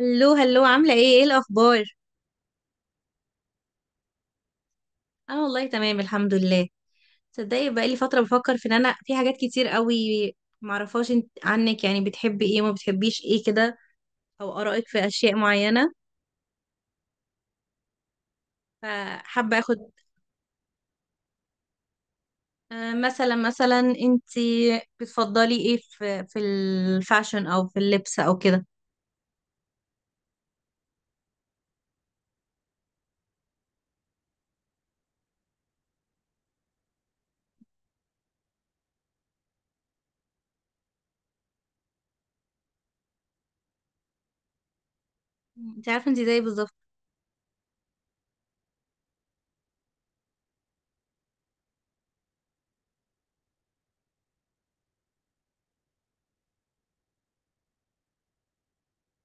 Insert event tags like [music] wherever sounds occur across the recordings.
هلو هلو، عاملة ايه؟ ايه الأخبار؟ أنا والله تمام الحمد لله. تصدقي بقالي فترة بفكر في إن أنا في حاجات كتير قوي معرفهاش عنك، يعني بتحبي ايه وما بتحبيش ايه كده، أو آرائك في أشياء معينة. فحابة أخد. آه، مثلا انت بتفضلي ايه في الفاشن أو في اللبس أو كده؟ انت عارفة انت زيي بالظبط.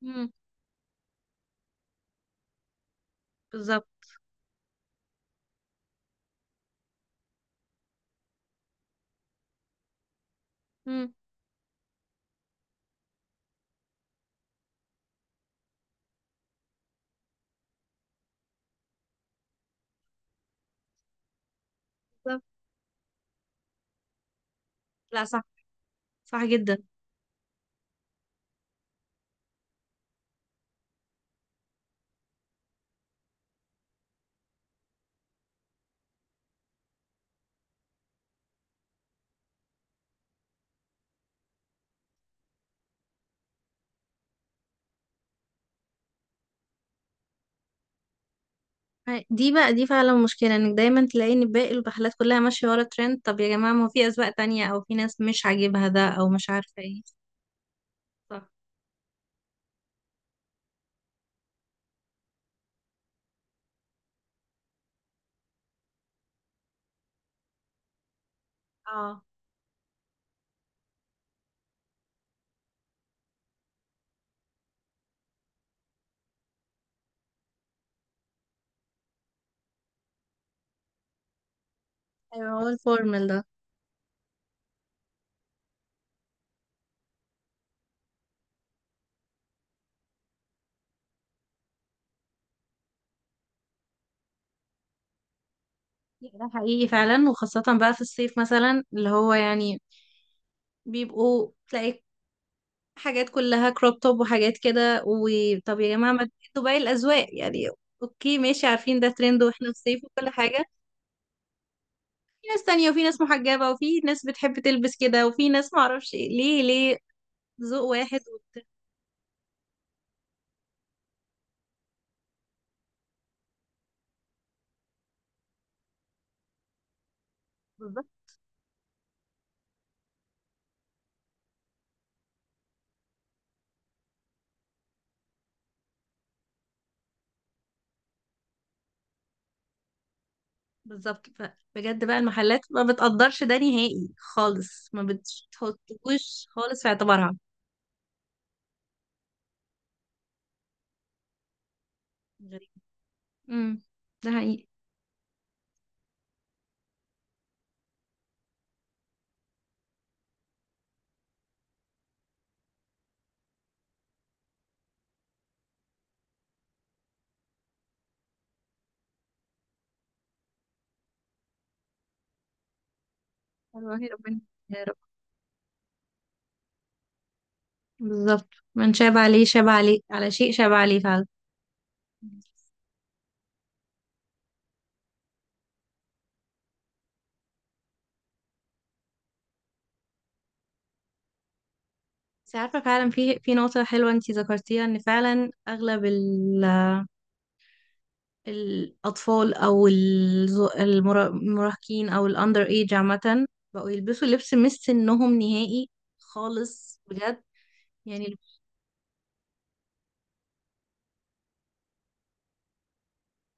مم، بالظبط. مم، بالظبط. لا صح، صح جدا. دي بقى دي فعلا مشكلة، انك دايما تلاقي ان باقي الرحلات كلها ماشية ورا الترند. طب يا جماعة، ما هو في أذواق تانية، او في ناس مش عاجبها ده، او مش عارفة ايه. صح. اه. ايوه، هو الفورمال ده. ده حقيقي فعلا، وخاصة بقى في الصيف مثلا، اللي هو يعني بيبقوا تلاقي حاجات كلها كروب توب وحاجات كده. وطب يا جماعة، ما انتوا باقي الأذواق يعني. اوكي ماشي، عارفين ده ترند واحنا في صيف وكل حاجة. في ناس تانية، وفي ناس محجبة، وفي ناس بتحب تلبس كده، وفي ناس معرفش إيه. ليه؟ ليه ذوق واحد؟ بالظبط بالظبط. بجد بقى المحلات ما بتقدرش ده نهائي خالص، ما بتحطوش خالص في اعتبارها. غريب. امم. ده حقيقي. والله ربنا. يا رب. بالظبط. من شاب عليه شاب عليه، على شيء شاب عليه فعلا. بس عارفة، فعلا في نقطة حلوة انتي ذكرتيها، ان فعلا اغلب الأطفال أو المراهقين أو الأندر إيج عامة بقوا يلبسوا لبس مش سنهم نهائي خالص، بجد. يعني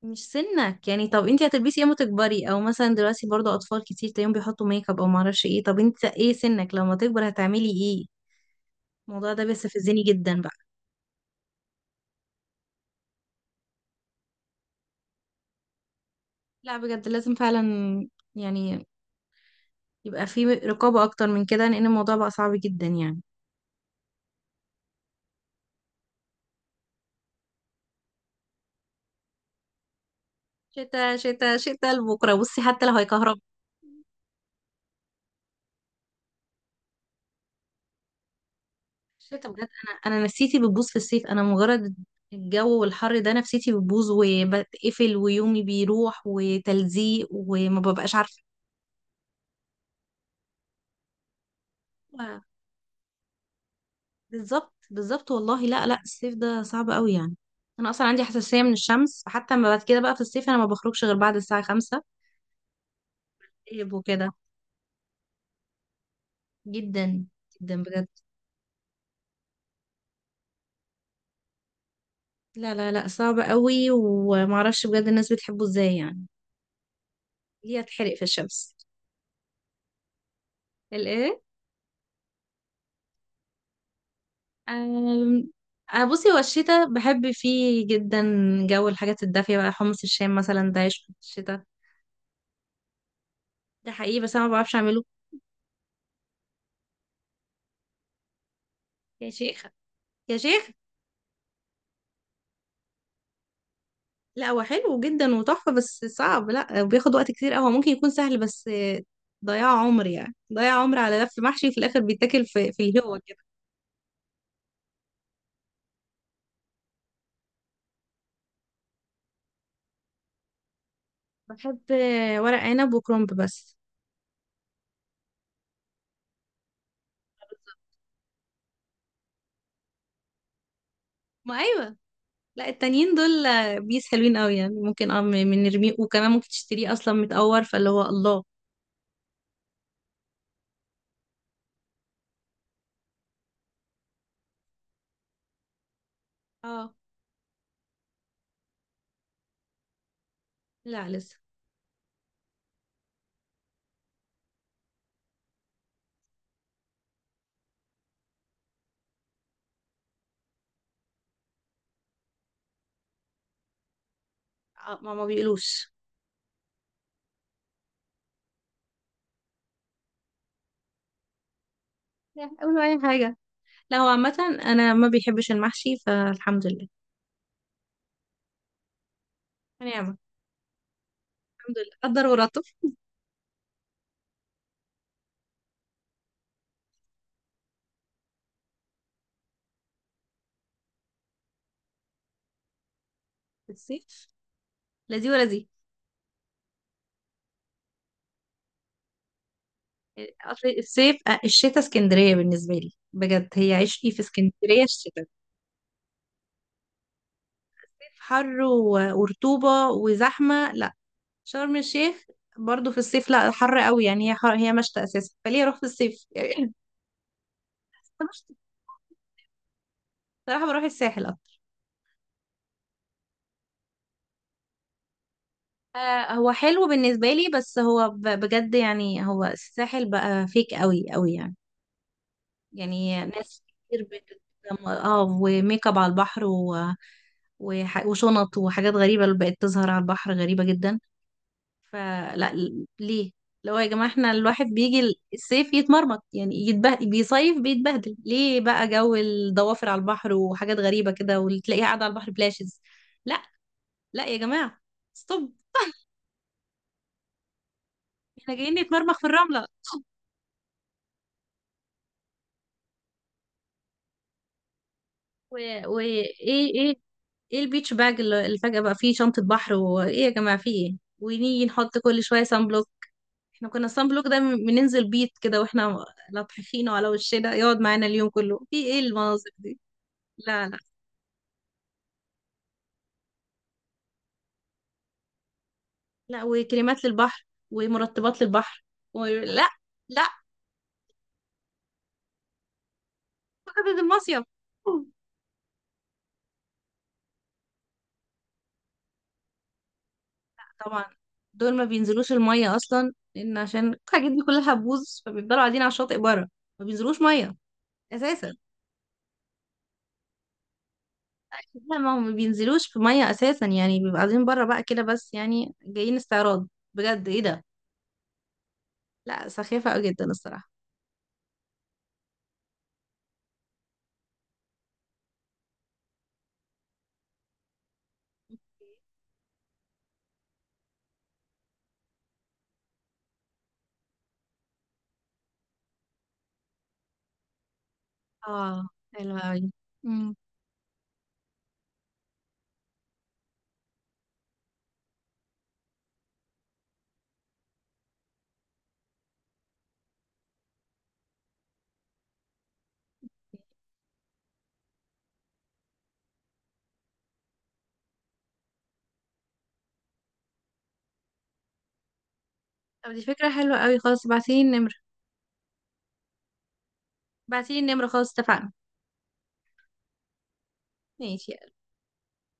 مش سنك يعني. طب انت هتلبسي ايه اما تكبري؟ او مثلا دلوقتي برضو اطفال كتير تلاقيهم بيحطوا ميك اب او معرفش ايه. طب انت ايه سنك لما تكبر، هتعملي ايه؟ الموضوع ده بيستفزني جدا بقى. لا بجد لازم فعلا، يعني يبقى في رقابة اكتر من كده، لان الموضوع بقى صعب جدا يعني. شتا شتا شتا، لبكره بصي حتى لو هيكهرب. شتا بجد. انا نفسيتي بتبوظ في الصيف. انا مجرد الجو والحر ده نفسيتي بتبوظ وبتقفل ويومي بيروح وتلزيق وما ببقاش عارفة. بالظبط بالظبط والله. لا لا، الصيف ده صعب قوي يعني. انا اصلا عندي حساسيه من الشمس، فحتى ما بعد كده بقى في الصيف انا ما بخرجش غير بعد الساعه خمسة. تعب وكده. جدا. جدا بجد. لا لا لا، صعب قوي، ومعرفش بجد الناس بتحبه ازاي يعني. ليه هتحرق في الشمس؟ الايه؟ أم... أه بصي، هو الشتا بحب فيه جدا. جو الحاجات الدافيه بقى، حمص الشام مثلا ده عيش في الشتا. ده حقيقي، بس انا ما بعرفش اعمله. يا شيخه يا شيخه. لا هو حلو جدا وتحفة، بس صعب. لا بياخد وقت كتير قوي، هو ممكن يكون سهل، بس ضياع عمر يعني، ضياع عمر على لف محشي في الآخر بيتاكل في الهوا كده. بحب ورق عنب وكرنب بس. ما أيوة. لا التانيين دول بيس حلوين قوي يعني، ممكن اه من نرميه، وكمان ممكن تشتريه أصلا متقور فاللي هو الله. اه. لا لسه. آه، ما بيقولوش. لا قولوا أي حاجة. لا هو عامة أنا ما بيحبش المحشي، فالحمد لله. نعمة. الحمد لله قدر ورتب. في الصيف لا دي ولا دي. اصل الصيف آه، الشتاء اسكندريه بالنسبه لي بجد هي عشقي، في اسكندريه الشتاء. حر ورطوبه وزحمه، لا. شرم الشيخ برضو في الصيف لا، حر قوي يعني، هي حر، هي مشتى اساسا، فليه اروح في الصيف يعني؟ [laughs] صراحه بروح الساحل اكتر. آه، هو حلو بالنسبه لي، بس هو بجد يعني، هو الساحل بقى فيك قوي قوي يعني. يعني ناس كتير بت اه، وميك اب على البحر وشنط وحاجات غريبة اللي بقت تظهر على البحر غريبة جدا. فلا ليه؟ لو يا جماعة احنا الواحد بيجي الصيف يتمرمط، يعني يتبهدل، بيصيف بيتبهدل، ليه بقى جو الضوافر على البحر وحاجات غريبة كده، وتلاقيها قاعدة على البحر بلاشز؟ لا لا يا جماعة، ستوب. احنا جايين نتمرمخ في الرملة؟ وايه؟ ايه ايه ايه البيتش باج اللي فجأة بقى فيه شنطة بحر، وايه يا جماعة فيه ايه، ونيجي نحط كل شوية سان بلوك؟ احنا كنا السان بلوك ده بننزل بيت كده واحنا لطحخينه على وشنا، يقعد معانا اليوم كله في ايه المناظر دي. لا لا لا، وكريمات للبحر ومرطبات للبحر. ولا لا لا، فقط المصيف. طبعا دول ما بينزلوش المية أصلا، لأن عشان الحاجات دي كلها بوز، فبيفضلوا قاعدين على الشاطئ بره. ما بينزلوش مية أساسا. لا ما هم ما بينزلوش في مية أساسا، يعني بيبقوا قاعدين بره بقى كده بس، يعني جايين استعراض. بجد إيه ده، لا سخيفة أوي جدا الصراحة. اه. حلوة أوي. مم. طب دي فكرة حلوة أوي، خلاص ابعتيلي النمرة. ابعتيلي النمرة، خلاص اتفقنا. ماشي.